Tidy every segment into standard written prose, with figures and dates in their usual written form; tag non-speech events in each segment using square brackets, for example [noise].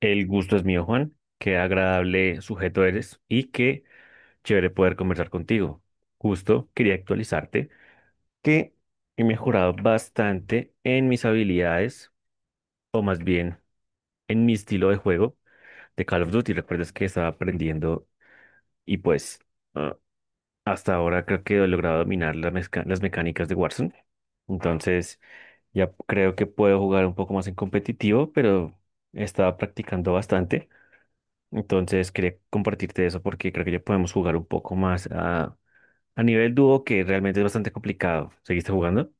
El gusto es mío, Juan. Qué agradable sujeto eres y qué chévere poder conversar contigo. Justo quería actualizarte que he mejorado bastante en mis habilidades, o más bien en mi estilo de juego de Call of Duty. Recuerdas que estaba aprendiendo y pues ah, hasta ahora creo que he logrado dominar las mecánicas de Warzone. Entonces ya creo que puedo jugar un poco más en competitivo, pero estaba practicando bastante. Entonces quería compartirte eso porque creo que ya podemos jugar un poco más a nivel dúo, que realmente es bastante complicado. ¿Seguiste jugando?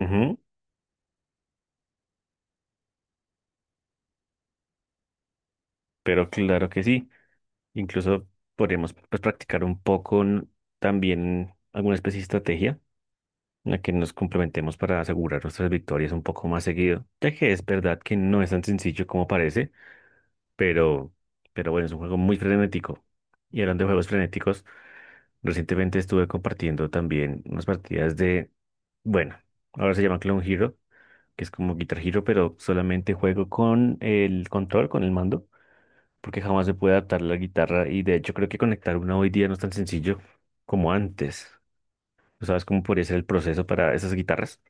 Ujú, pero claro que sí. Incluso podríamos pues, practicar un poco también alguna especie de estrategia en la que nos complementemos para asegurar nuestras victorias un poco más seguido, ya que es verdad que no es tan sencillo como parece, pero, pero bueno, es un juego muy frenético. Y hablando de juegos frenéticos, recientemente estuve compartiendo también unas partidas de, bueno, ahora se llama Clone Hero, que es como Guitar Hero, pero solamente juego con el control, con el mando, porque jamás se puede adaptar la guitarra y de hecho creo que conectar una hoy día no es tan sencillo como antes. ¿Tú sabes cómo podría ser el proceso para esas guitarras?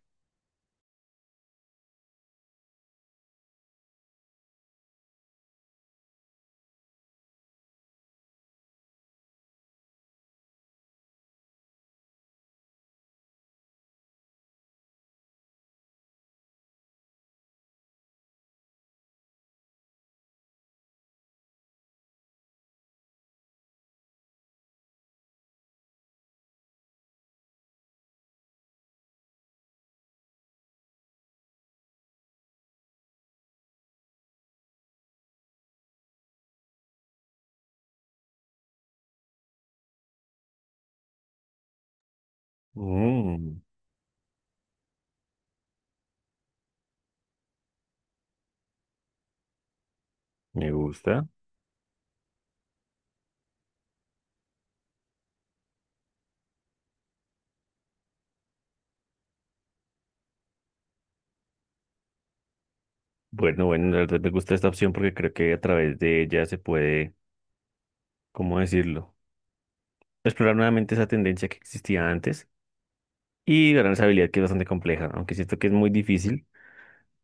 Mm, me gusta. Bueno, bueno, la verdad me gusta esta opción porque creo que a través de ella se puede, ¿cómo decirlo? Explorar nuevamente esa tendencia que existía antes y gran habilidad que es bastante compleja, ¿no? Aunque siento que es muy difícil,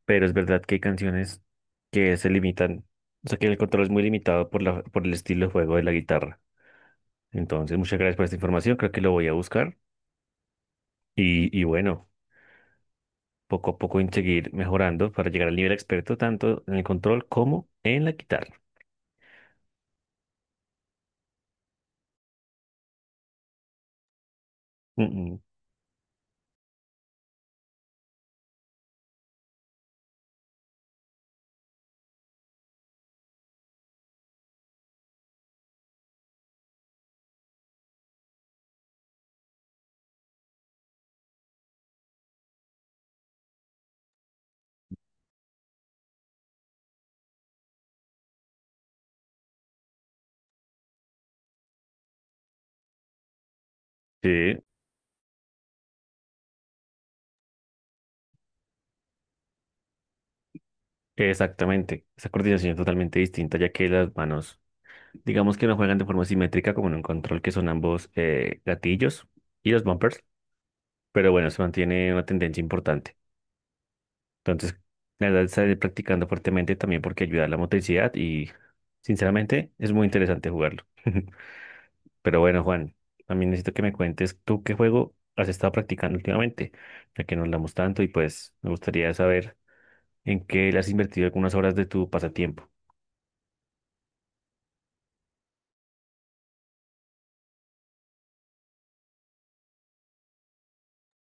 pero es verdad que hay canciones que se limitan, o sea que el control es muy limitado por el estilo de juego de la guitarra. Entonces, muchas gracias por esta información, creo que lo voy a buscar y bueno, poco a poco en seguir mejorando para llegar al nivel experto tanto en el control como en la guitarra. Mm, mm. Sí, exactamente, esa coordinación es totalmente distinta ya que las manos, digamos que no juegan de forma simétrica como en un control, que son ambos gatillos y los bumpers, pero bueno, se mantiene una tendencia importante. Entonces, la verdad, estaré practicando fuertemente también porque ayuda a la motricidad y, sinceramente, es muy interesante jugarlo. [laughs] Pero bueno, Juan, también necesito que me cuentes tú qué juego has estado practicando últimamente, ya que nos hablamos tanto y pues me gustaría saber en qué le has invertido algunas horas de tu pasatiempo.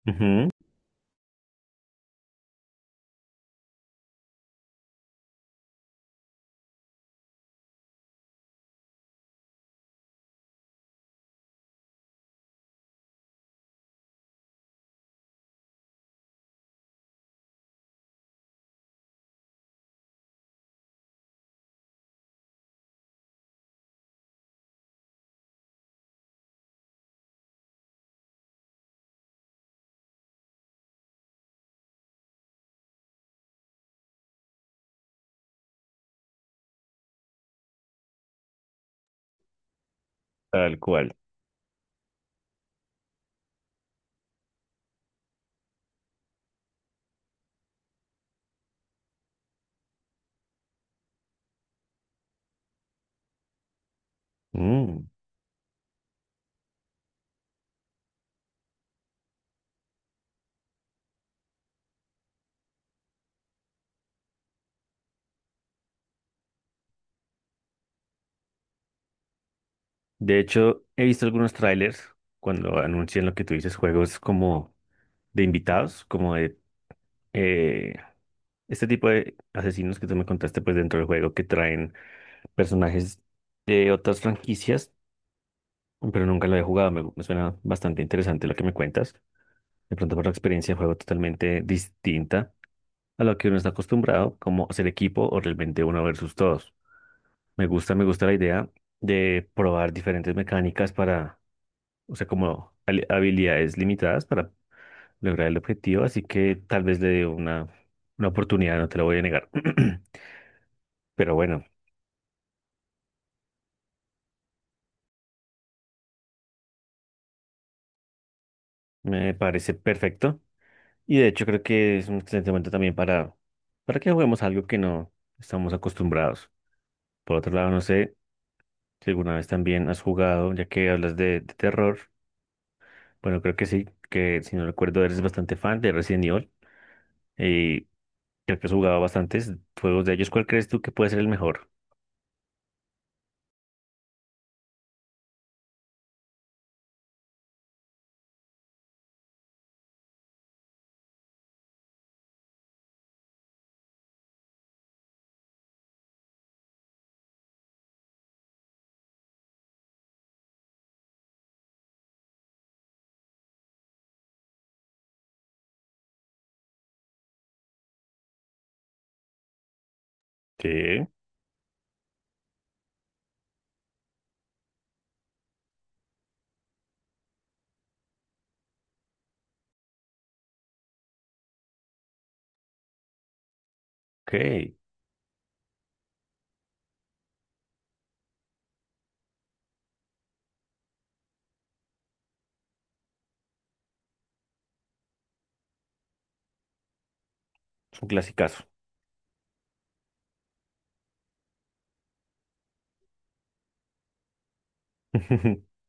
Ujú, tal cual. Mm. De hecho, he visto algunos trailers cuando anuncian lo que tú dices, juegos como de invitados, eh, este tipo de asesinos que tú me contaste pues dentro del juego, que traen personajes de otras franquicias, pero nunca lo he jugado, me suena bastante interesante lo que me cuentas. De pronto por la experiencia de juego totalmente distinta a lo que uno está acostumbrado, como ser equipo o realmente uno versus todos. Me gusta la idea de probar diferentes mecánicas para, o sea, como habilidades limitadas para lograr el objetivo, así que tal vez le dé una oportunidad, no te lo voy a negar. [clears throat] Pero bueno, me parece perfecto. Y de hecho creo que es un excelente momento también para que juguemos algo que no estamos acostumbrados. Por otro lado, no sé si alguna vez también has jugado, ya que hablas de terror. Bueno, creo que sí, que si no recuerdo eres bastante fan de Resident Evil y creo que has jugado bastantes juegos de ellos. ¿Cuál crees tú que puede ser el mejor? Sí, ok, es un clasicazo. [laughs]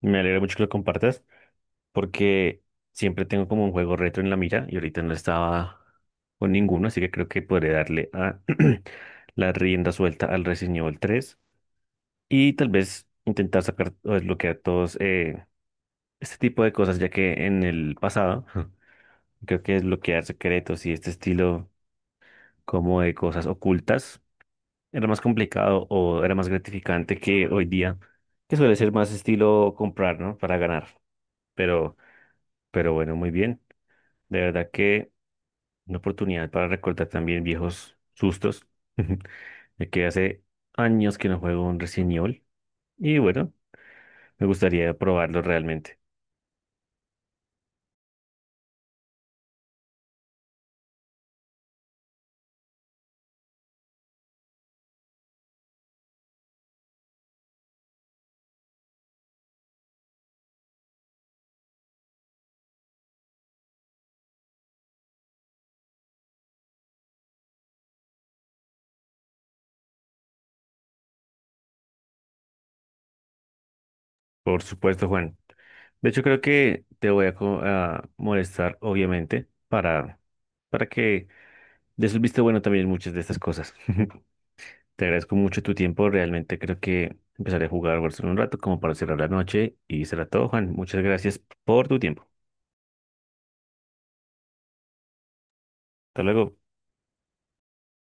Me alegra mucho que lo compartas, porque siempre tengo como un juego retro en la mira y ahorita no estaba con ninguno, así que creo que podré darle a [clears throat] la rienda suelta al Resident Evil 3 y tal vez intentar sacar o desbloquear todos este tipo de cosas, ya que en el pasado [laughs] creo que desbloquear secretos y este estilo como de cosas ocultas era más complicado o era más gratificante que hoy día, que suele ser más estilo comprar, ¿no? Para ganar, pero, pero bueno, muy bien. De verdad que. Una oportunidad para recordar también viejos sustos, [laughs] de que hace años que no juego un Resident Evil y bueno, me gustaría probarlo realmente. Por supuesto, Juan. De hecho, creo que te voy a molestar, obviamente, para que des un visto bueno también en muchas de estas cosas. [laughs] Te agradezco mucho tu tiempo, realmente creo que empezaré a jugar Warzone un rato como para cerrar la noche y será todo, Juan. Muchas gracias por tu tiempo. Hasta luego.